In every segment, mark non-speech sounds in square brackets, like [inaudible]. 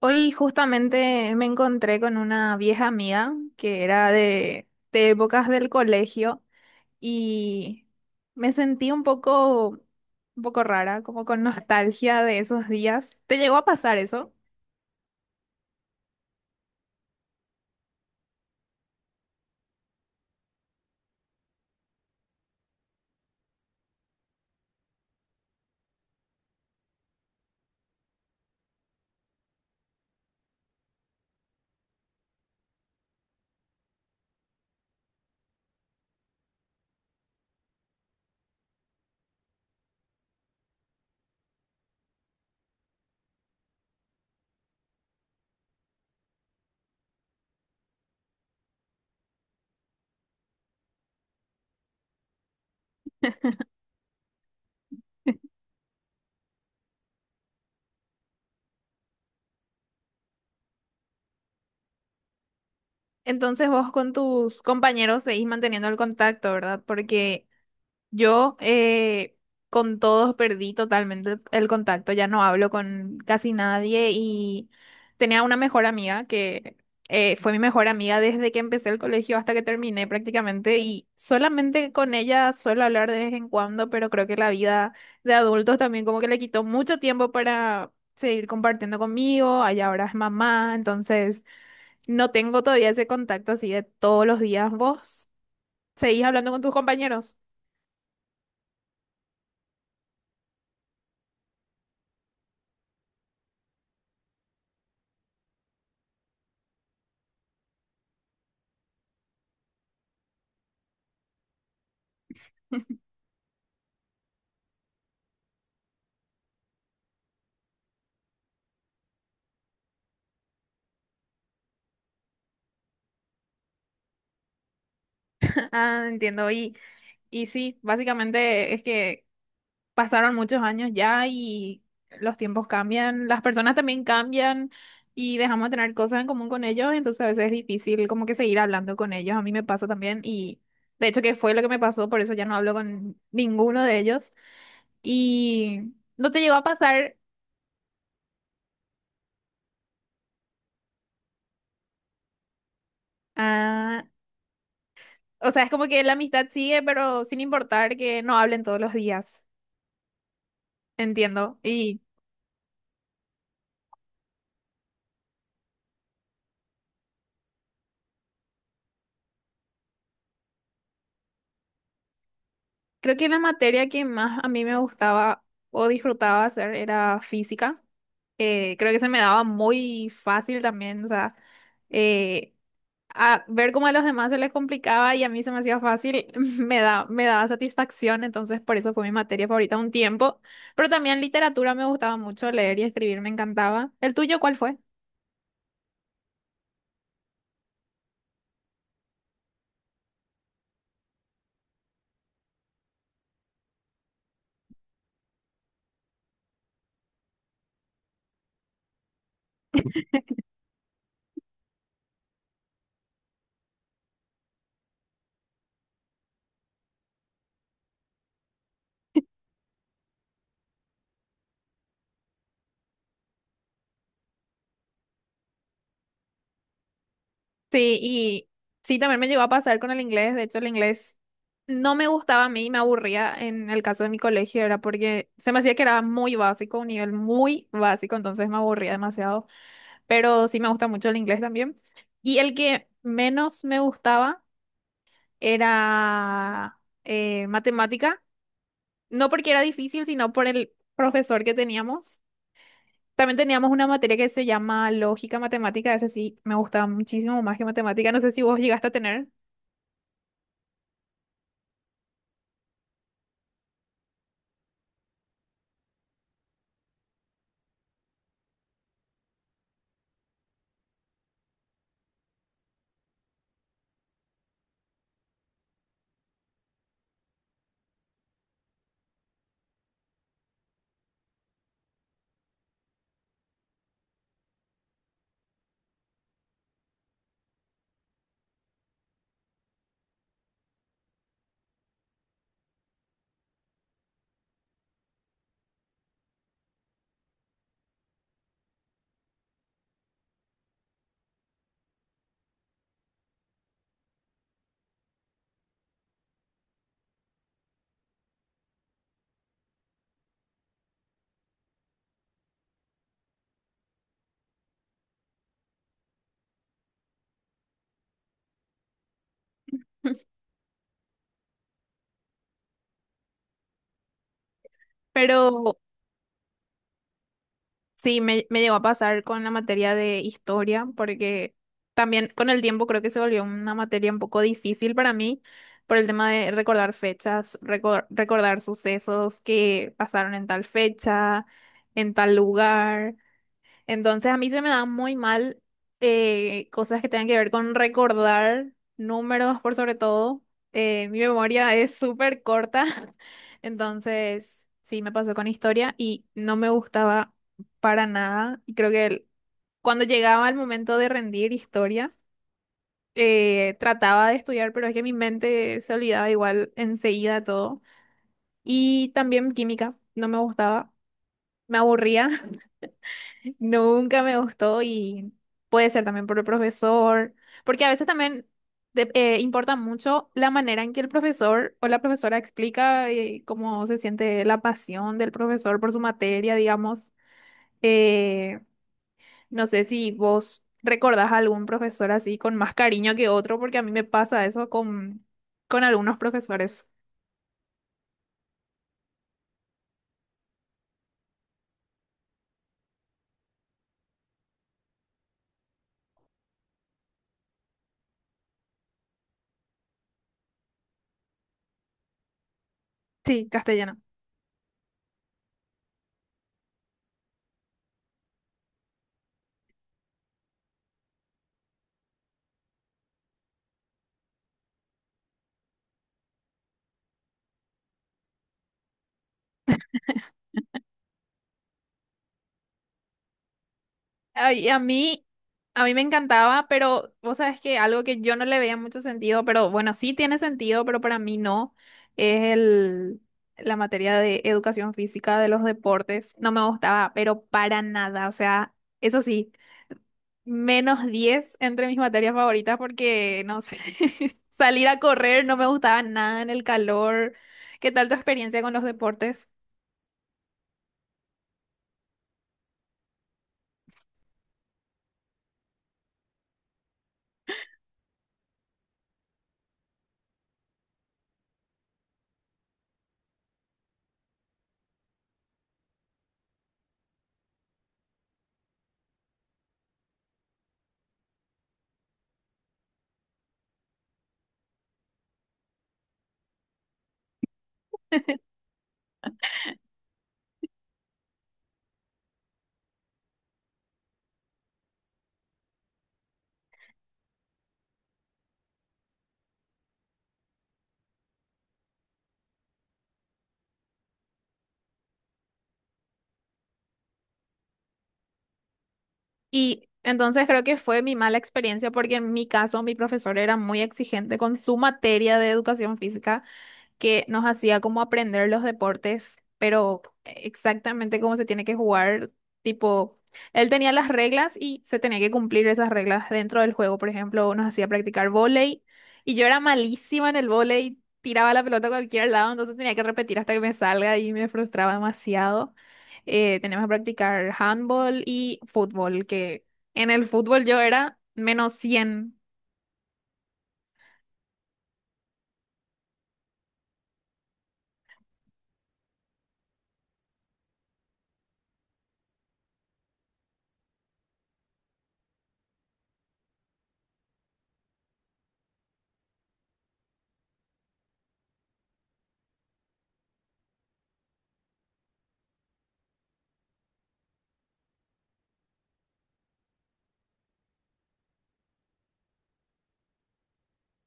Hoy justamente me encontré con una vieja amiga que era de épocas del colegio y me sentí un poco rara, como con nostalgia de esos días. ¿Te llegó a pasar eso? Entonces vos con tus compañeros seguís manteniendo el contacto, ¿verdad? Porque yo, con todos perdí totalmente el contacto, ya no hablo con casi nadie y tenía una mejor amiga que fue mi mejor amiga desde que empecé el colegio hasta que terminé prácticamente y solamente con ella suelo hablar de vez en cuando, pero creo que la vida de adultos también como que le quitó mucho tiempo para seguir compartiendo conmigo, allá ahora es mamá, entonces no tengo todavía ese contacto así de todos los días. ¿Vos seguís hablando con tus compañeros? Ah, entiendo. Y sí, básicamente es que pasaron muchos años ya y los tiempos cambian, las personas también cambian y dejamos de tener cosas en común con ellos, entonces a veces es difícil como que seguir hablando con ellos. A mí me pasa también y de hecho que fue lo que me pasó, por eso ya no hablo con ninguno de ellos. Y no te llegó a pasar, ah, o sea, es como que la amistad sigue, pero sin importar que no hablen todos los días. Entiendo. Y creo que la materia que más a mí me gustaba o disfrutaba hacer era física. Creo que se me daba muy fácil también, o sea, eh, a ver cómo a los demás se les complicaba y a mí se me hacía fácil, [laughs] me daba satisfacción, entonces por eso fue mi materia favorita un tiempo. Pero también literatura me gustaba mucho, leer y escribir me encantaba. ¿El tuyo cuál fue? Sí, y sí, también me llegó a pasar con el inglés. De hecho, el inglés no me gustaba a mí, me aburría en el caso de mi colegio, era porque se me hacía que era muy básico, un nivel muy básico, entonces me aburría demasiado. Pero sí me gusta mucho el inglés también. Y el que menos me gustaba era matemática, no porque era difícil, sino por el profesor que teníamos. También teníamos una materia que se llama lógica matemática, ese sí me gustaba muchísimo más que matemática. No sé si vos llegaste a tener. Pero sí, me llegó a pasar con la materia de historia, porque también con el tiempo creo que se volvió una materia un poco difícil para mí por el tema de recordar fechas, recordar sucesos que pasaron en tal fecha, en tal lugar. Entonces a mí se me dan muy mal cosas que tengan que ver con recordar números por sobre todo. Mi memoria es súper corta, [laughs] entonces sí me pasó con historia y no me gustaba para nada. Y creo que cuando llegaba el momento de rendir historia, trataba de estudiar, pero es que mi mente se olvidaba igual enseguida todo. Y también química, no me gustaba, me aburría. Nunca me gustó y puede ser también por el profesor, porque a veces también importa mucho la manera en que el profesor o la profesora explica cómo se siente la pasión del profesor por su materia, digamos. Eh, no sé si vos recordás a algún profesor así con más cariño que otro, porque a mí me pasa eso con algunos profesores. Sí, castellano. Ay, a mí me encantaba, pero vos sabes que algo que yo no le veía mucho sentido, pero bueno, sí tiene sentido, pero para mí no, es la materia de educación física de los deportes. No me gustaba, pero para nada. O sea, eso sí, -10 entre mis materias favoritas porque, no sé, [laughs] salir a correr no me gustaba nada en el calor. ¿Qué tal tu experiencia con los deportes? Y entonces creo que fue mi mala experiencia porque en mi caso mi profesor era muy exigente con su materia de educación física que nos hacía como aprender los deportes, pero exactamente cómo se tiene que jugar, tipo, él tenía las reglas y se tenía que cumplir esas reglas dentro del juego, por ejemplo, nos hacía practicar vóley y yo era malísima en el vóley, tiraba la pelota a cualquier lado, entonces tenía que repetir hasta que me salga y me frustraba demasiado. Teníamos que practicar handball y fútbol, que en el fútbol yo era -100,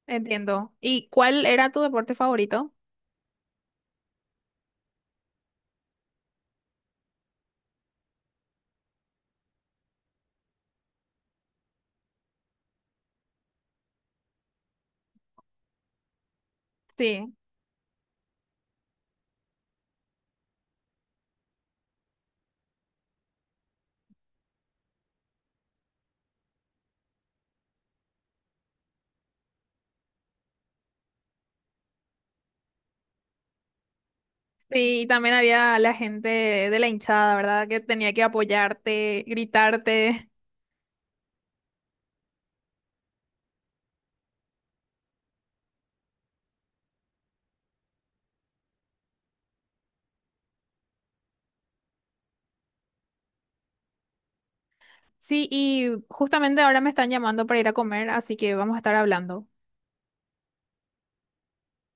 entiendo. ¿Y cuál era tu deporte favorito? Sí. Sí, y también había la gente de la hinchada, ¿verdad? Que tenía que apoyarte, gritarte. Sí, y justamente ahora me están llamando para ir a comer, así que vamos a estar hablando.